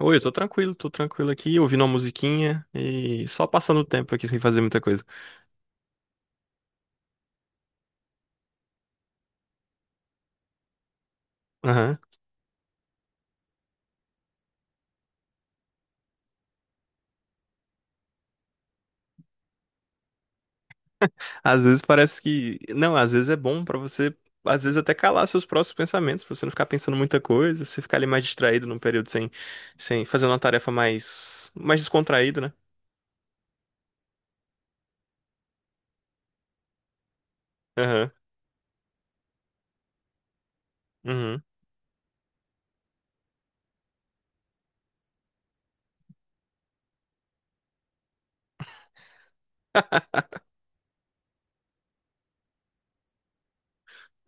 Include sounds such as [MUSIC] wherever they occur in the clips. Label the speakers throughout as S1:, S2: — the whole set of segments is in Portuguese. S1: Oi, eu tô tranquilo aqui, ouvindo uma musiquinha e só passando o tempo aqui sem fazer muita coisa. Aham. Às vezes parece que. Não, às vezes é bom pra você, às vezes até calar seus próprios pensamentos, pra você não ficar pensando muita coisa, você ficar ali mais distraído num período sem fazer uma tarefa mais descontraído, né? Aham. Uhum.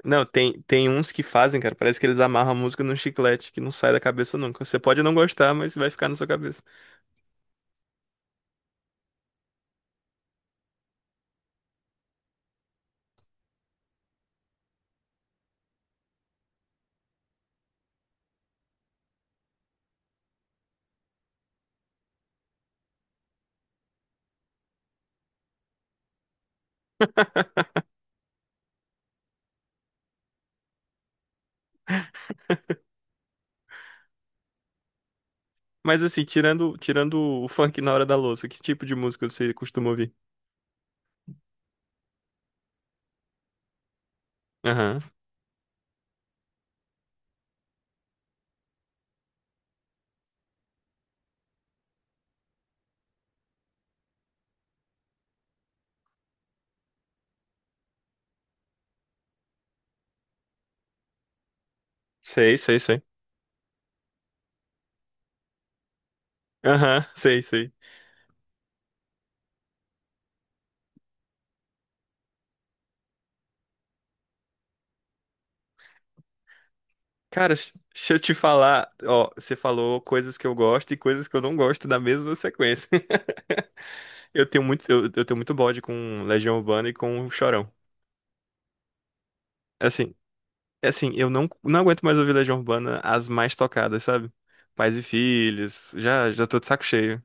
S1: Não, tem uns que fazem, cara, parece que eles amarram a música num chiclete que não sai da cabeça nunca. Você pode não gostar, mas vai ficar na sua cabeça. Mas assim, tirando o funk na hora da louça, que tipo de música você costuma ouvir? Aham. Sei, sei, sei. Aham, sei, sei. Cara, deixa eu te falar, ó, você falou coisas que eu gosto e coisas que eu não gosto da mesma sequência. [LAUGHS] Eu tenho muito bode com Legião Urbana e com o Chorão. Assim, é assim, eu não aguento mais ouvir Legião Urbana as mais tocadas, sabe? Pais e Filhos, já tô de saco cheio.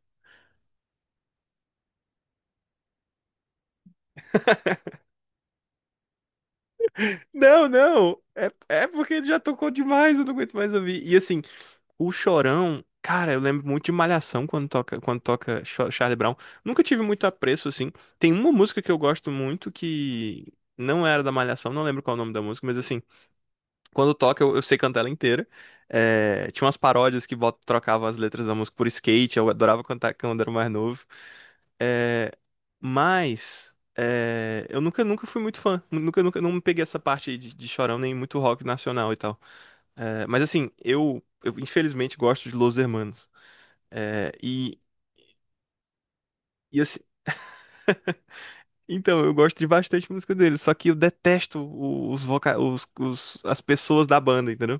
S1: Não, não, é porque já tocou demais, eu não aguento mais ouvir. E assim, o Chorão, cara, eu lembro muito de Malhação quando toca, quando toca Charlie Brown. Nunca tive muito apreço, assim. Tem uma música que eu gosto muito que não era da Malhação, não lembro qual é o nome da música, mas assim, quando toca eu sei cantar ela inteira. É, tinha umas paródias que trocavam as letras da música por skate, eu adorava cantar quando era mais novo. Eh, mas é, eu nunca fui muito fã. Nunca não me peguei essa parte de chorão, nem muito rock nacional e tal. É, mas assim, eu infelizmente gosto de Los Hermanos. É, e assim, então, eu gosto de bastante música deles, só que eu detesto os, voca os- as pessoas da banda, entendeu?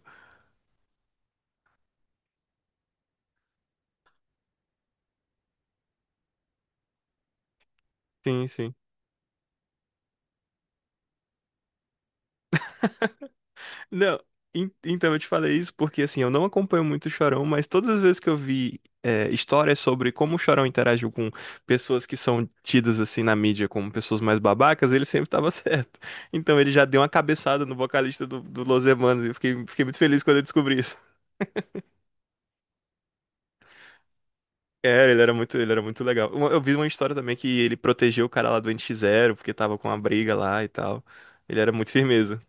S1: Sim, sim. Não, então eu te falei isso porque assim, eu não acompanho muito o Chorão, mas todas as vezes que eu vi é, histórias sobre como o Chorão interagiu com pessoas que são tidas assim na mídia como pessoas mais babacas, ele sempre tava [LAUGHS] certo. Então ele já deu uma cabeçada no vocalista do Los Hermanos e eu fiquei muito feliz quando eu descobri isso. É, ele era muito legal. Eu vi uma história também que ele protegeu o cara lá do nx Zero porque tava com uma briga lá e tal. Ele era muito firmeza.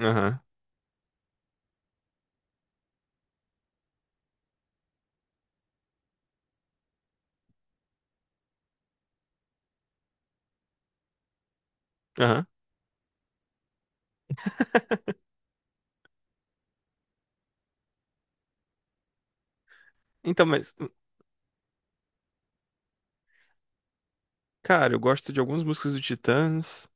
S1: Aham, aham. Então, mas, cara, eu gosto de algumas músicas do Titãs.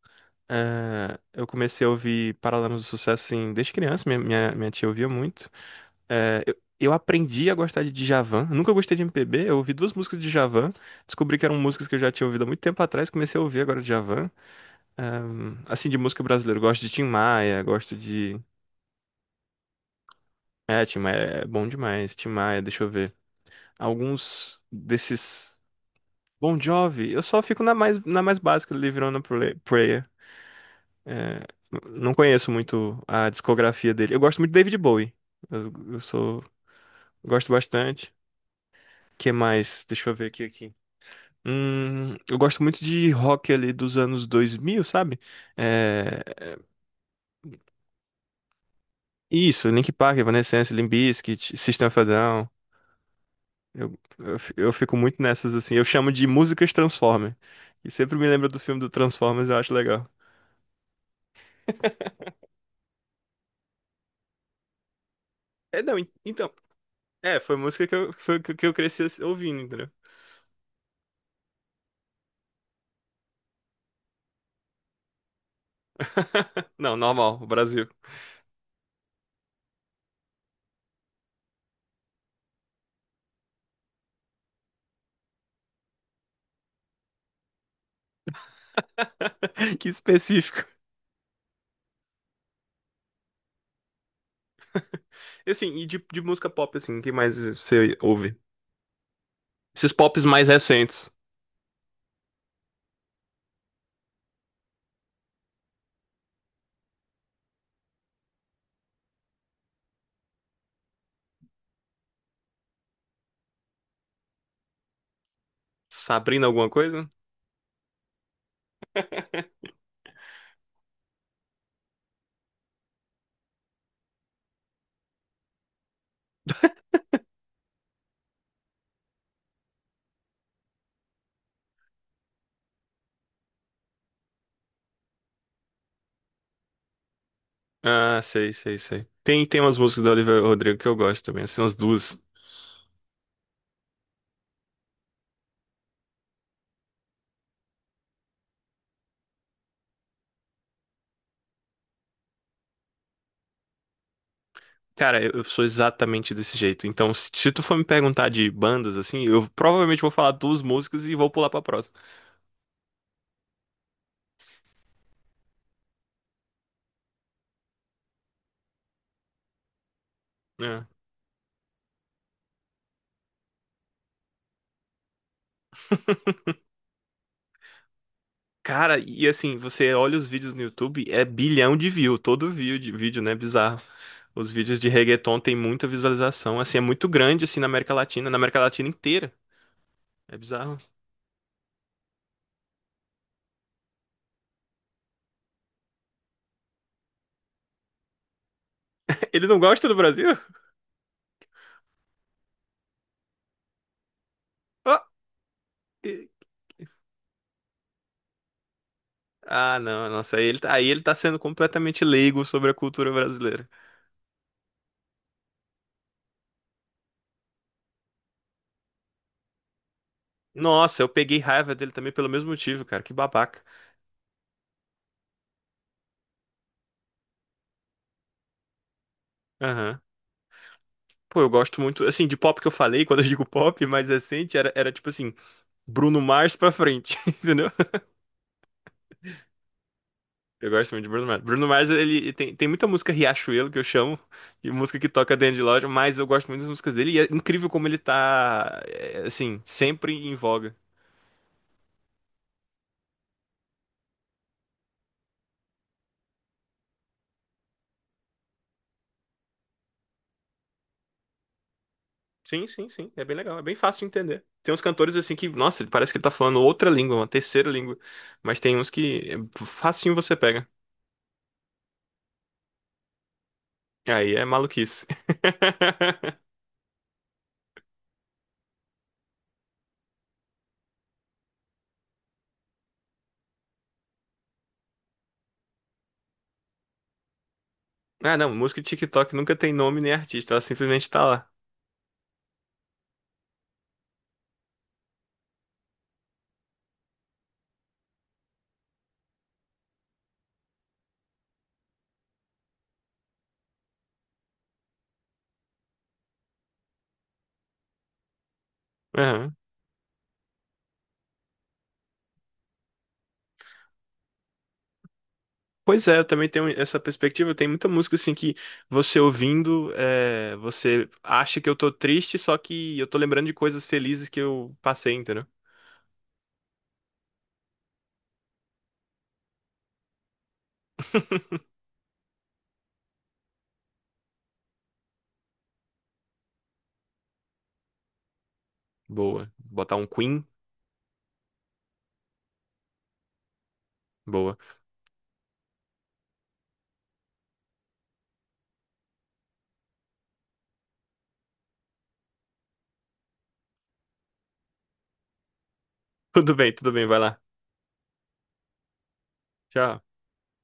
S1: É, eu comecei a ouvir Paralamas do Sucesso, assim, desde criança, minha tia ouvia muito. É, eu aprendi a gostar de Djavan, eu nunca gostei de MPB, eu ouvi duas músicas de Djavan, descobri que eram músicas que eu já tinha ouvido há muito tempo atrás, comecei a ouvir agora Djavan. É, assim, de música brasileira, eu gosto de Tim Maia, gosto de... É, Tim Maia é bom demais, Tim Maia, deixa eu ver. Alguns desses... Bon Jovi, eu só fico na mais básica, Live On A Prayer. É, não conheço muito a discografia dele. Eu gosto muito de David Bowie. Eu, eu sou, gosto bastante. Que mais? Deixa eu ver aqui. Eu gosto muito de rock ali dos anos 2000, sabe? É, isso, Linkin Park, Evanescence, Limp Bizkit, System of a Down. Eu fico muito nessas assim. Eu chamo de músicas Transformer. E sempre me lembra do filme do Transformers, eu acho legal. É, não, então, é, foi que eu cresci ouvindo, entendeu? [LAUGHS] Não, normal, o Brasil. [LAUGHS] Que específico. E assim, e de música pop, assim, o que mais você ouve? Esses pops mais recentes. Sabrina alguma coisa? Ah, sei, sei, sei. Tem umas músicas do Olivia Rodrigo que eu gosto também, assim, umas duas. Cara, eu sou exatamente desse jeito. Então, se tu for me perguntar de bandas, assim, eu provavelmente vou falar duas músicas e vou pular pra próxima. É. Cara, e assim, você olha os vídeos no YouTube, é bilhão de view, todo view de vídeo, né? Bizarro. Os vídeos de reggaeton tem muita visualização, assim, é muito grande, assim, na América Latina inteira. É bizarro. [LAUGHS] Ele não gosta do Brasil? Ó, e- ah, não, nossa, aí ele tá sendo completamente leigo sobre a cultura brasileira. Nossa, eu peguei raiva dele também pelo mesmo motivo, cara, que babaca. Aham. Pô, eu gosto muito, assim, de pop que eu falei, quando eu digo pop, mais recente, era tipo assim, Bruno Mars pra frente, [LAUGHS] entendeu? Eu gosto muito de Bruno Mars. Bruno Mars, ele tem muita música Riachuelo que eu chamo, e música que toca dentro de loja, mas eu gosto muito das músicas dele e é incrível como ele tá, é, assim, sempre em voga. Sim, sim, sim, é bem legal, é bem fácil de entender. Tem uns cantores assim que, nossa, parece que ele tá falando outra língua, uma terceira língua, mas tem uns que é facinho você pega. Aí é maluquice. [LAUGHS] Ah, não, música de TikTok nunca tem nome nem artista, ela simplesmente tá lá. Pois é, eu também tenho essa perspectiva. Tem muita música assim que você ouvindo, é, você acha que eu tô triste, só que eu tô lembrando de coisas felizes que eu passei, entendeu? Boa. Botar um Queen? Boa. [LAUGHS] Tudo bem, vai lá. Tchau.